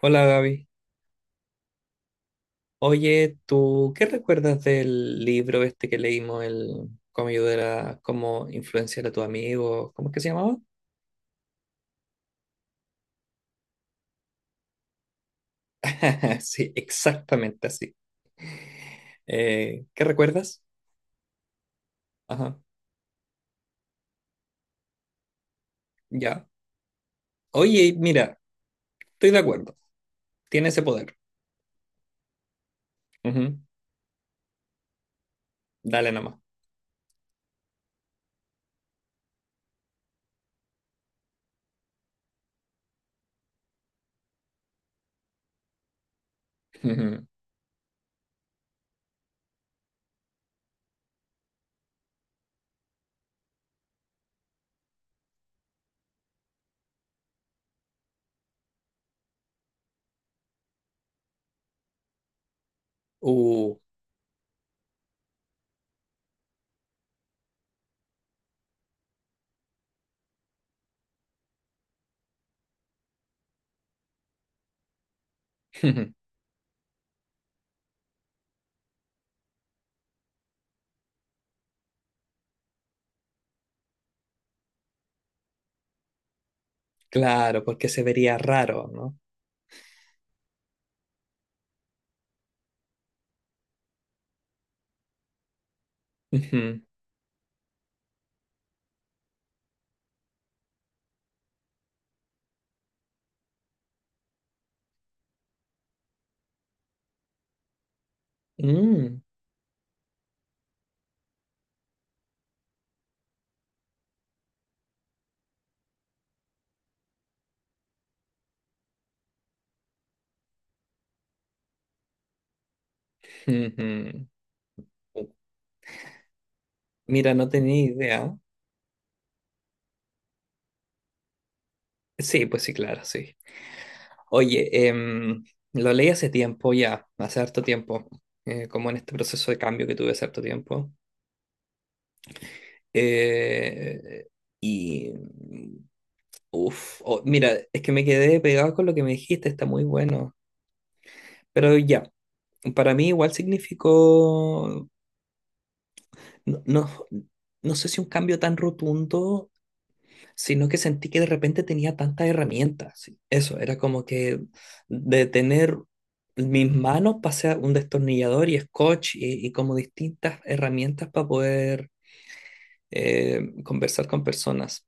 Hola Gaby. Oye, ¿tú qué recuerdas del libro este que leímos, el cómo ayudar a, cómo influenciar a tu amigo? ¿Cómo es que se llamaba? Sí, exactamente así. ¿Qué recuerdas? Ajá, ya. Oye, mira, estoy de acuerdo. Tiene ese poder. Ujú. Dale nomás. Ujú. Uh. Claro, porque se vería raro, ¿no? Ujú. Mm, ujú. Mira, no tenía idea. Sí, pues sí, claro, sí. Oye, lo leí hace tiempo ya, hace harto tiempo, como en este proceso de cambio que tuve hace harto tiempo. Eh, y, uff, mira, es que me quedé pegado con lo que me dijiste, está muy bueno. Pero ya, para mí igual significó, no, no, no sé si un cambio tan rotundo, sino que sentí que de repente tenía tantas herramientas. Sí. Eso, era como que de tener mis manos pasé a un destornillador y scotch y como distintas herramientas para poder conversar con personas.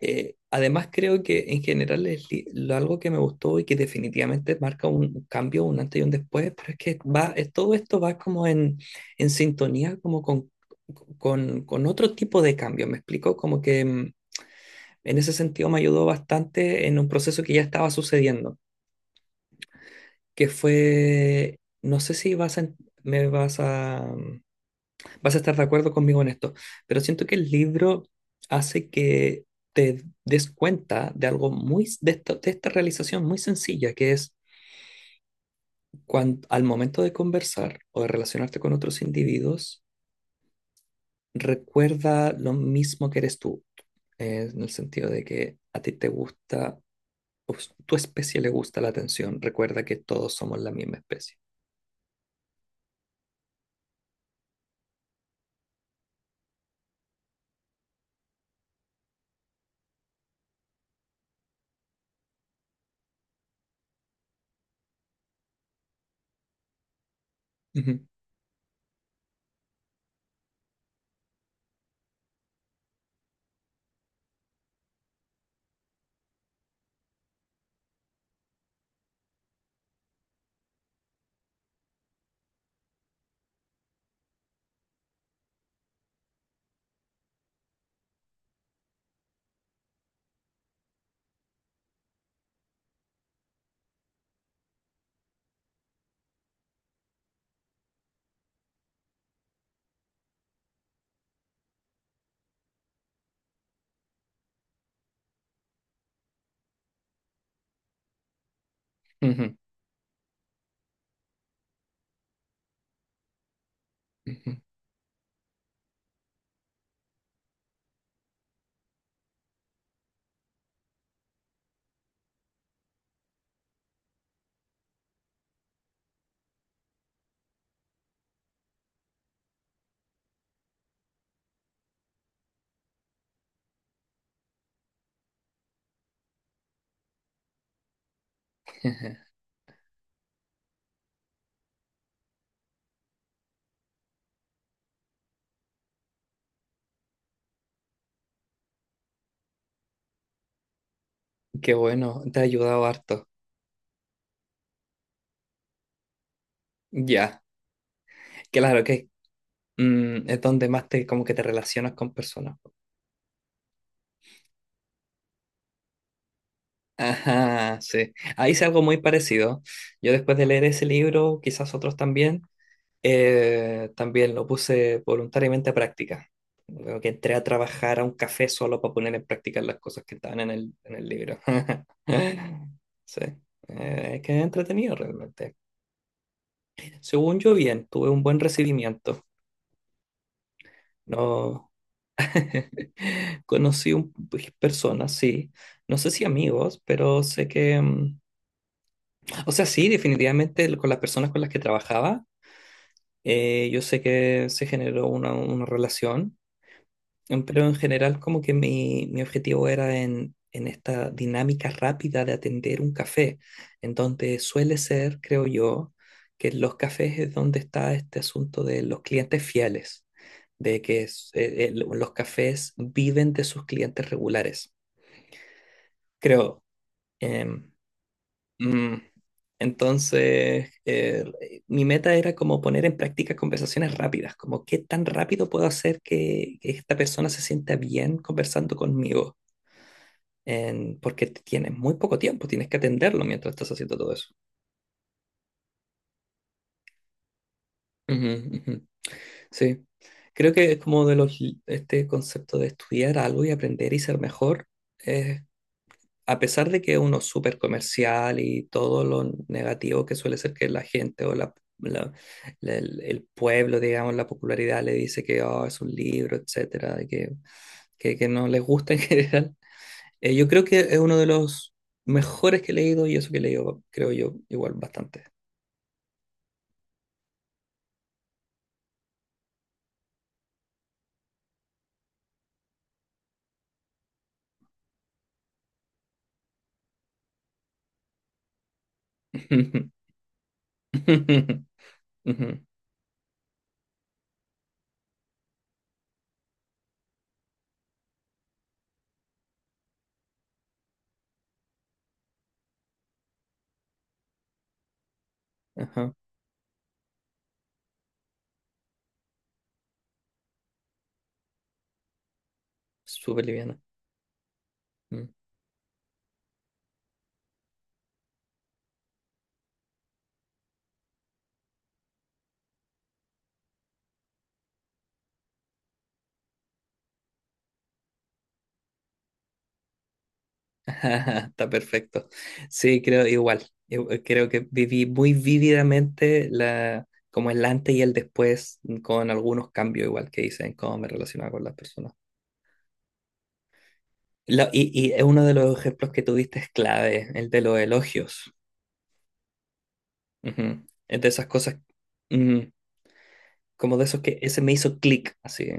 Además, creo que en general es algo que me gustó y que definitivamente marca un cambio, un antes y un después, pero es que va, todo esto va como en sintonía como con otro tipo de cambio, ¿me explico? Como que... mm, en ese sentido me ayudó bastante en un proceso que ya estaba sucediendo, que fue, no sé si vas a, me vas a, mm, vas a estar de acuerdo conmigo en esto, pero siento que el libro hace que te des cuenta de algo de esta realización muy sencilla, que es cuando, al momento de conversar o de relacionarte con otros individuos, recuerda lo mismo que eres tú, en el sentido de que a ti te gusta tu especie le gusta la atención. Recuerda que todos somos la misma especie. Ujú, ujú, ujú. Qué bueno, te ha ayudado harto. Ya, claro que mm, es donde más te como que te relacionas con personas. Ajá, sí. Ahí hice algo muy parecido. Yo después de leer ese libro, quizás otros también, eh, también lo puse voluntariamente a práctica. Como que entré a trabajar a un café solo para poner en práctica las cosas que estaban en en el libro. Sí. Es que es entretenido realmente. Según yo, bien, tuve un buen recibimiento. No, conocí un, pues, personas, sí. No sé si amigos, pero sé que. Mm, o sea, sí, definitivamente con las personas con las que trabajaba, yo sé que se generó una relación. Em, pero en general como que mi objetivo era en esta dinámica rápida de atender un café, en donde suele ser, creo yo, que en los cafés es donde está este asunto de los clientes fieles, de que los cafés viven de sus clientes regulares, creo. Em, mm, entonces, mi meta era como poner en práctica conversaciones rápidas, como qué tan rápido puedo hacer que esta persona se sienta bien conversando conmigo, porque tienes muy poco tiempo, tienes que atenderlo mientras estás haciendo todo eso. Ujú, ujú. Sí, creo que es como de este concepto de estudiar algo y aprender y ser mejor, es a pesar de que uno es uno súper comercial y todo lo negativo que suele ser que la gente o la- la- el pueblo, digamos, la popularidad le dice que "Oh, es un libro, etcétera, y que no les gusta en general, yo creo que es uno de los mejores que he leído y eso que he leído, creo yo, igual bastante. Ujú, ujú, ajá, súper liviana. Mm. Está perfecto. Sí, creo igual. Yo creo que viví muy vívidamente como el antes y el después mm, con algunos cambios igual que hice en cómo me relacionaba con las personas. Y es uno de los ejemplos que tuviste es clave, el de los elogios. Ujú. Es de esas cosas, ujú, como de esos que ese me hizo clic, así.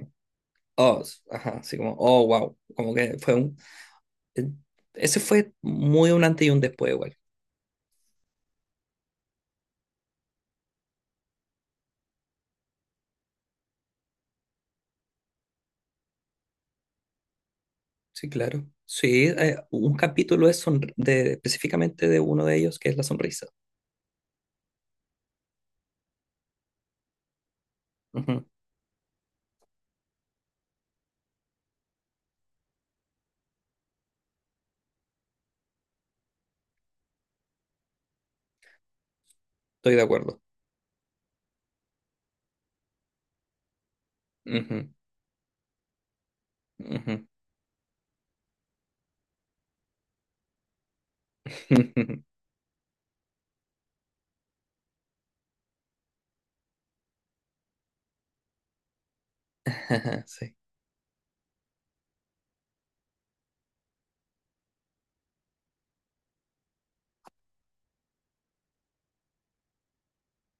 Oh, ajá, así como, oh, wow. Como que fue un... eh, ese fue muy un antes y un después igual. Sí, claro. Sí, un capítulo es específicamente de uno de ellos, que es la sonrisa. Ujú, estoy de acuerdo. Ujú, ujú. Sí.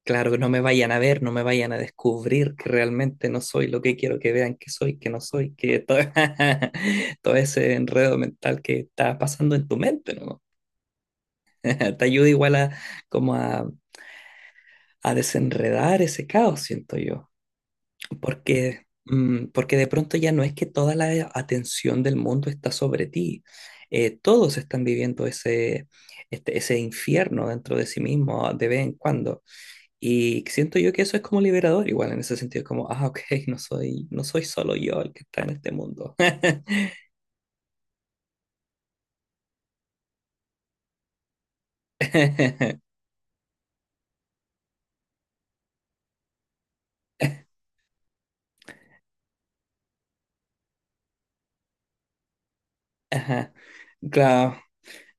Claro, no me vayan a ver, no me vayan a descubrir que realmente no soy lo que quiero que vean que soy, que no soy, que todo, todo ese enredo mental que está pasando en tu mente, ¿no? Te ayuda igual como a, a desenredar ese caos, siento yo. Porque, mm, porque de pronto ya no es que toda la atención del mundo está sobre ti. Todos están viviendo ese infierno dentro de sí mismo de vez en cuando. Y siento yo que eso es como liberador, igual en ese sentido, como, ah, ok, no soy solo yo el que está en este mundo. Ajá. Claro,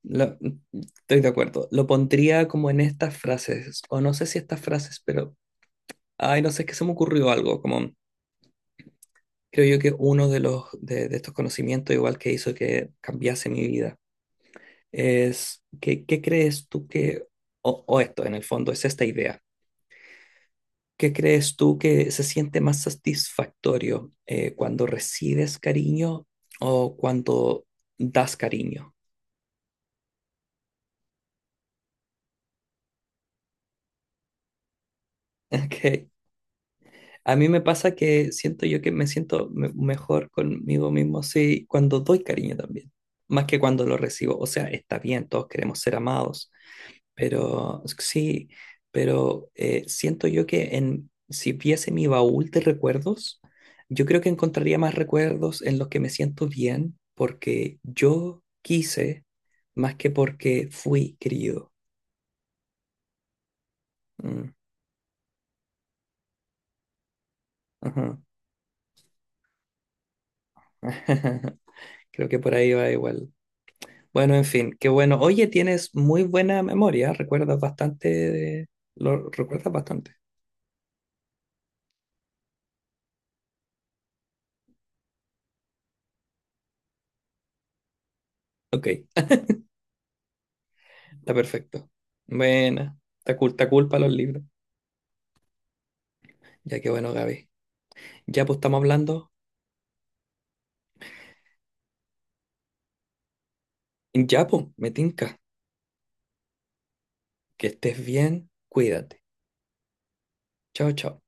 lo- estoy de acuerdo. Lo pondría como en estas frases, o no sé si estas frases, pero, ay, no sé, es que se me ocurrió algo, como... Creo yo que uno de estos conocimientos, igual que hizo que cambiase mi vida, es que, ¿qué crees tú que, o esto en el fondo es esta idea, ¿qué crees tú que se siente más satisfactorio cuando recibes cariño o cuando das cariño? Ok. A mí me pasa que siento yo que mejor conmigo mismo sí, cuando doy cariño también, más que cuando lo recibo. O sea, está bien, todos queremos ser amados. Pero sí, pero siento yo que si viese mi baúl de recuerdos, yo creo que encontraría más recuerdos en los que me siento bien porque yo quise más que porque fui querido. Mm, ajá. Creo que por ahí va igual. Bueno, en fin, qué bueno. Oye, tienes muy buena memoria, recuerdas bastante, lo recuerdas bastante. Ok, está perfecto. Buena, está cool para los libros. Ya que bueno, Gaby. Ya, pues estamos hablando. Ya, pues, me tinca. Que estés bien, cuídate. Chao, chao.